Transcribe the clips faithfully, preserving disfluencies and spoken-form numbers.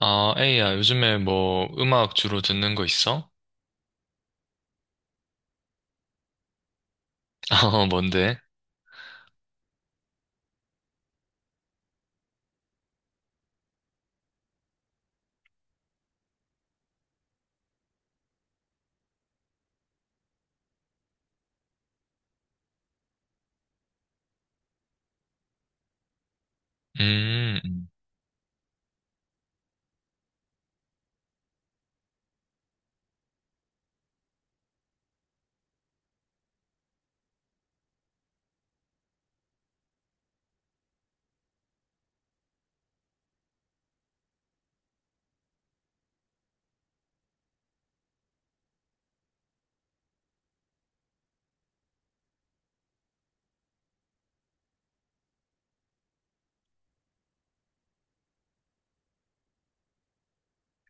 아, 에이야, 요즘에 뭐 음악 주로 듣는 거 있어? 어, 뭔데? 음. 음.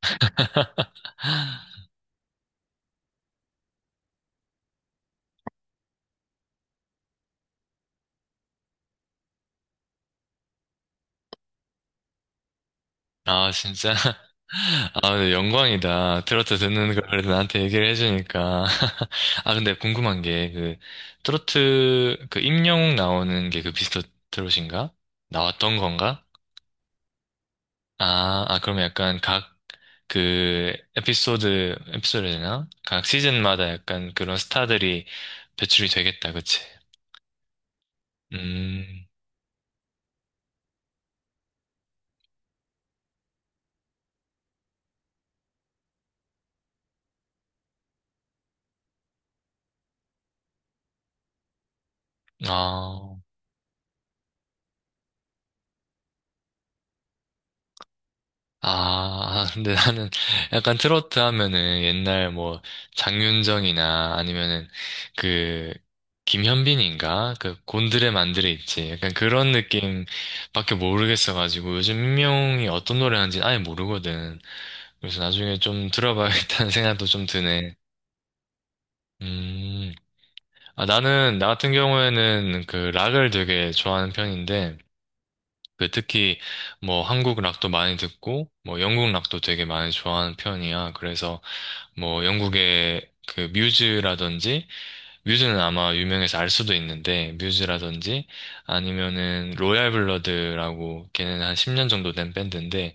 아, 진짜? 아, 근데 영광이다. 트로트 듣는 걸 나한테 얘기를 해주니까. 아, 근데 궁금한 게, 그, 트로트, 그, 임영웅 나오는 게 그 비스트 트롯인가? 나왔던 건가? 아, 아, 그럼 약간 각, 그, 에피소드, 에피소드 되나? 각 시즌마다 약간 그런 스타들이 배출이 되겠다, 그치? 음, 아, 아, 아, 근데 나는 약간 트로트 하면은 옛날 뭐 장윤정이나 아니면은 그 김현빈인가? 그 곤드레 만드레 있지. 약간 그런 느낌밖에 모르겠어가지고 요즘 민명이 어떤 노래 하는지 아예 모르거든. 그래서 나중에 좀 들어봐야겠다는 생각도 좀 드네. 음, 아, 나는, 나 같은 경우에는 그 락을 되게 좋아하는 편인데, 그 특히 뭐 한국 락도 많이 듣고 뭐 영국 락도 되게 많이 좋아하는 편이야. 그래서 뭐 영국의 그 뮤즈라든지 뮤즈는 아마 유명해서 알 수도 있는데 뮤즈라든지 아니면은 로얄 블러드라고 걔는 한 십 년 정도 된 밴드인데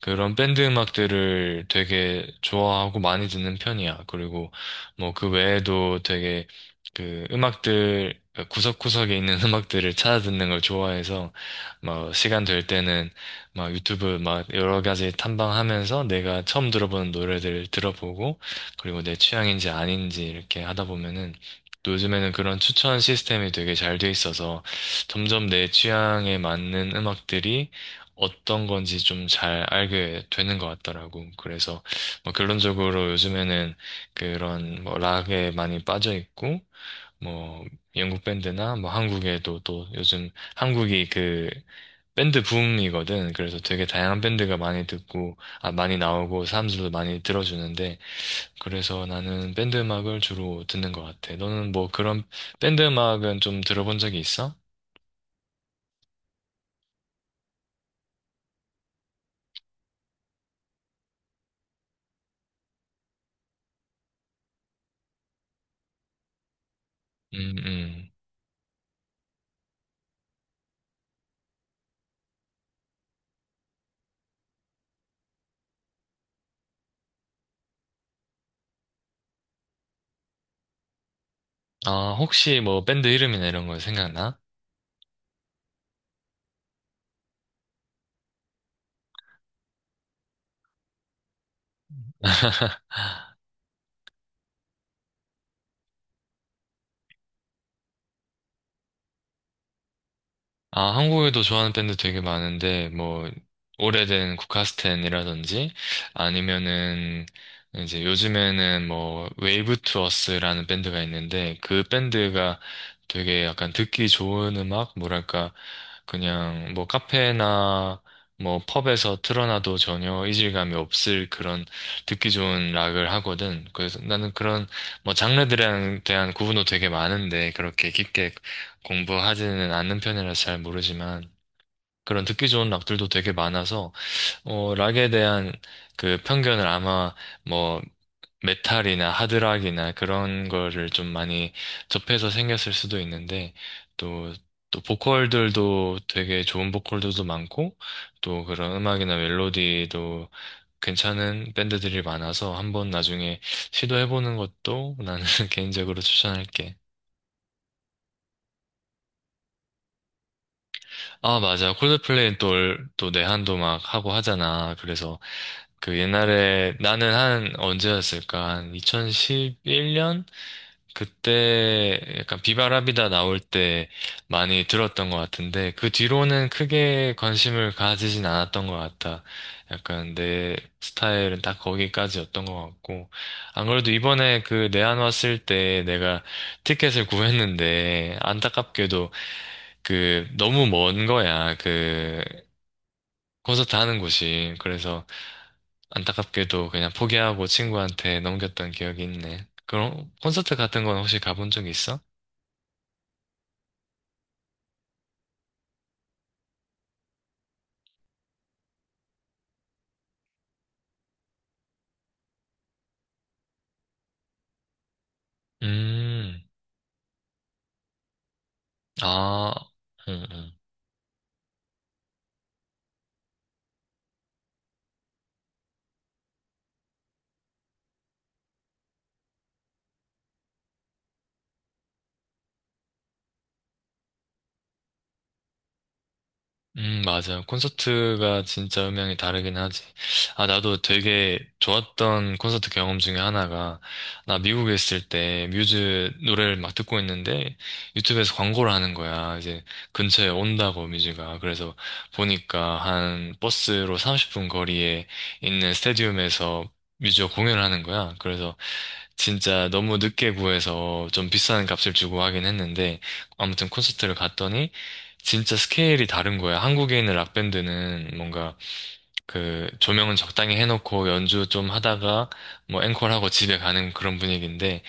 그런 밴드 음악들을 되게 좋아하고 많이 듣는 편이야. 그리고 뭐 그 외에도 되게 그 음악들 구석구석에 있는 음악들을 찾아 듣는 걸 좋아해서 막 시간 될 때는 막 유튜브 막 여러 가지 탐방하면서 내가 처음 들어보는 노래들 들어보고 그리고 내 취향인지 아닌지 이렇게 하다 보면은 또 요즘에는 그런 추천 시스템이 되게 잘 돼 있어서 점점 내 취향에 맞는 음악들이 어떤 건지 좀 잘 알게 되는 것 같더라고. 그래서 뭐 결론적으로 요즘에는 그런 뭐 락에 많이 빠져 있고 뭐 영국 밴드나 뭐 한국에도 또 요즘 한국이 그 밴드 붐이거든. 그래서 되게 다양한 밴드가 많이 듣고 아 많이 나오고 사람들도 많이 들어주는데 그래서 나는 밴드 음악을 주로 듣는 것 같아. 너는 뭐 그런 밴드 음악은 좀 들어본 적이 있어? 음, 음. 아, 혹시 뭐 밴드 이름이나 이런 거 생각나? 아, 한국에도 좋아하는 밴드 되게 많은데, 뭐, 오래된 국카스텐이라든지, 아니면은, 이제 요즘에는 뭐, 웨이브 투어스라는 밴드가 있는데, 그 밴드가 되게 약간 듣기 좋은 음악? 뭐랄까, 그냥 뭐, 카페나 뭐, 펍에서 틀어놔도 전혀 이질감이 없을 그런 듣기 좋은 락을 하거든. 그래서 나는 그런 뭐, 장르들에 대한 구분도 되게 많은데, 그렇게 깊게 공부하지는 않는 편이라서 잘 모르지만 그런 듣기 좋은 락들도 되게 많아서 어, 락에 대한 그 편견을 아마 뭐 메탈이나 하드락이나 그런 거를 좀 많이 접해서 생겼을 수도 있는데 또 또 보컬들도 되게 좋은 보컬들도 많고 또 그런 음악이나 멜로디도 괜찮은 밴드들이 많아서 한번 나중에 시도해보는 것도 나는 개인적으로 추천할게. 아, 맞아. 콜드플레이는 또, 또 내한도 막 하고 하잖아. 그래서 그 옛날에 나는 한 언제였을까? 한 이천십일 년? 그때 약간 비바람이다 나올 때 많이 들었던 것 같은데 그 뒤로는 크게 관심을 가지진 않았던 것 같아. 약간 내 스타일은 딱 거기까지였던 것 같고 안 그래도 이번에 그 내한 왔을 때 내가 티켓을 구했는데 안타깝게도 그 너무 먼 거야. 그 콘서트 하는 곳이. 그래서 안타깝게도 그냥 포기하고 친구한테 넘겼던 기억이 있네. 그럼 콘서트 같은 건 혹시 가본 적 있어? 음, 아, 음, 음, 음, 맞아요. 콘서트가 진짜 음향이 다르긴 하지. 아, 나도 되게 좋았던 콘서트 경험 중에 하나가, 나 미국에 있을 때 뮤즈 노래를 막 듣고 있는데, 유튜브에서 광고를 하는 거야. 이제 근처에 온다고 뮤즈가. 그래서 보니까 한 버스로 삼십 분 거리에 있는 스타디움에서 뮤즈가 공연을 하는 거야. 그래서 진짜 너무 늦게 구해서 좀 비싼 값을 주고 하긴 했는데 아무튼 콘서트를 갔더니 진짜 스케일이 다른 거야. 한국에 있는 락밴드는 뭔가 그 조명은 적당히 해놓고 연주 좀 하다가 뭐 앵콜하고 집에 가는 그런 분위기인데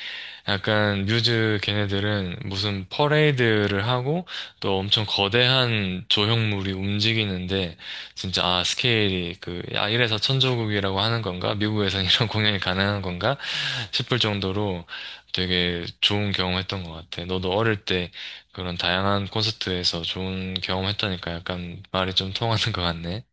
약간 뮤즈 걔네들은 무슨 퍼레이드를 하고 또 엄청 거대한 조형물이 움직이는데 진짜 아 스케일이 그 아 이래서 천조국이라고 하는 건가? 미국에선 이런 공연이 가능한 건가? 싶을 정도로 되게 좋은 경험했던 것 같아. 너도 어릴 때 그런 다양한 콘서트에서 좋은 경험했다니까 약간 말이 좀 통하는 것 같네.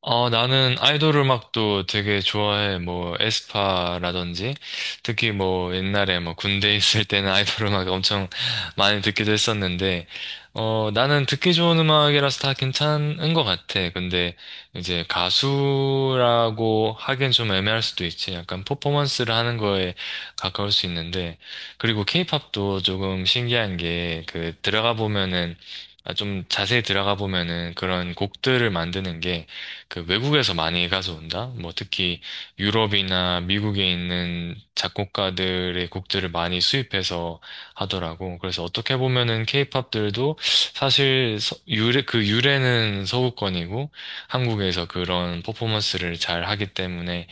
어, 나는 아이돌 음악도 되게 좋아해. 뭐, 에스파라든지. 특히 뭐, 옛날에 뭐, 군대 있을 때는 아이돌 음악 엄청 많이 듣기도 했었는데, 어, 나는 듣기 좋은 음악이라서 다 괜찮은 것 같아. 근데 이제 가수라고 하기엔 좀 애매할 수도 있지. 약간 퍼포먼스를 하는 거에 가까울 수 있는데, 그리고 케이팝도 조금 신기한 게, 그, 들어가 보면은, 아, 좀 자세히 들어가 보면은 그런 곡들을 만드는 게 그 외국에서 많이 가져온다? 뭐 특히 유럽이나 미국에 있는 작곡가들의 곡들을 많이 수입해서 하더라고. 그래서 어떻게 보면은 케이팝들도 사실 서- 유래, 그 유래는 서구권이고 한국에서 그런 퍼포먼스를 잘 하기 때문에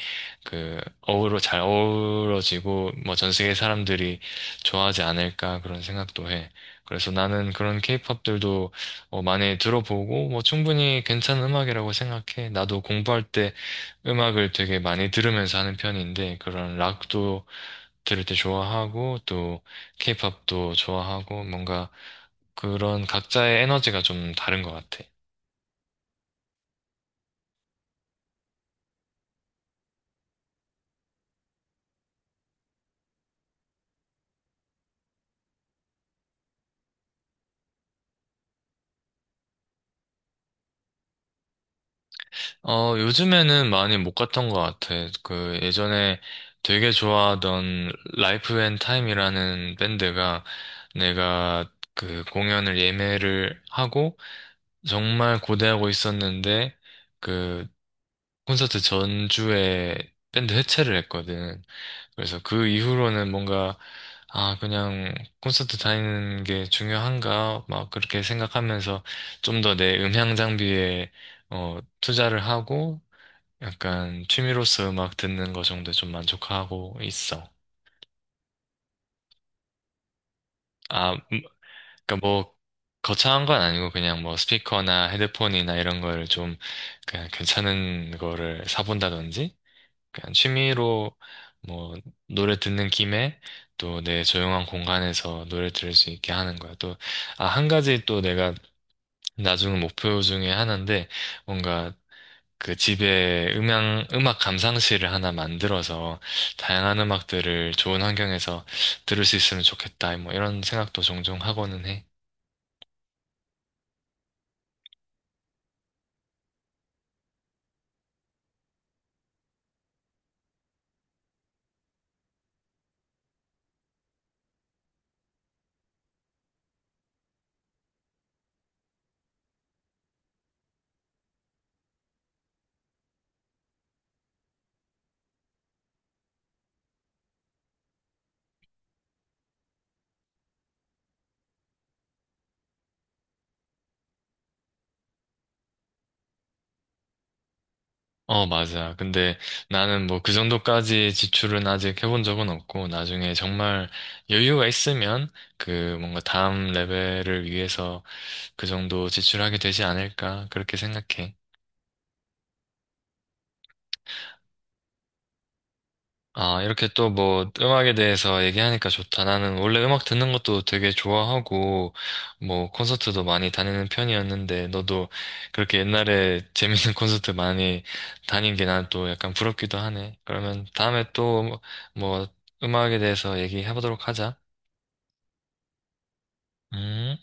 그 어우러, 잘 어우러지고 뭐 전 세계 사람들이 좋아하지 않을까 그런 생각도 해. 그래서 나는 그런 케이팝들도 어, 많이 들어보고, 뭐, 충분히 괜찮은 음악이라고 생각해. 나도 공부할 때 음악을 되게 많이 들으면서 하는 편인데, 그런 락도 들을 때 좋아하고, 또, 케이팝도 좋아하고, 뭔가 그런 각자의 에너지가 좀 다른 것 같아. 어, 요즘에는 많이 못 갔던 것 같아. 그, 예전에 되게 좋아하던 라이프 앤 타임이라는 밴드가 내가 그 공연을 예매를 하고, 정말 고대하고 있었는데 그 콘서트 전주에 밴드 해체를 했거든. 그래서 그 이후로는 뭔가 아 그냥 콘서트 다니는 게 중요한가 막 그렇게 생각하면서 좀 더 내 음향 장비에 어 투자를 하고 약간 취미로서 음악 듣는 거 정도에 좀 만족하고 있어. 아 그러니까 뭐 거창한 건 아니고 그냥 뭐 스피커나 헤드폰이나 이런 거를 좀 그냥 괜찮은 거를 사본다든지 그냥 취미로 뭐 노래 듣는 김에 또 내 조용한 공간에서 노래 들을 수 있게 하는 거야. 또, 아, 한 가지 또 내가 나중 목표 중에 하나인데 뭔가 그 집에 음향, 음악 감상실을 하나 만들어서 다양한 음악들을 좋은 환경에서 들을 수 있으면 좋겠다. 뭐 이런 생각도 종종 하고는 해. 어, 맞아. 근데 나는 뭐 그 정도까지 지출은 아직 해본 적은 없고, 나중에 정말 여유가 있으면 그 뭔가 다음 레벨을 위해서 그 정도 지출하게 되지 않을까, 그렇게 생각해. 아, 이렇게 또 뭐 음악에 대해서 얘기하니까 좋다. 나는 원래 음악 듣는 것도 되게 좋아하고, 뭐 콘서트도 많이 다니는 편이었는데, 너도 그렇게 옛날에 재밌는 콘서트 많이 다닌 게 난 또 약간 부럽기도 하네. 그러면 다음에 또 뭐 음악에 대해서 얘기해 보도록 하자. 음.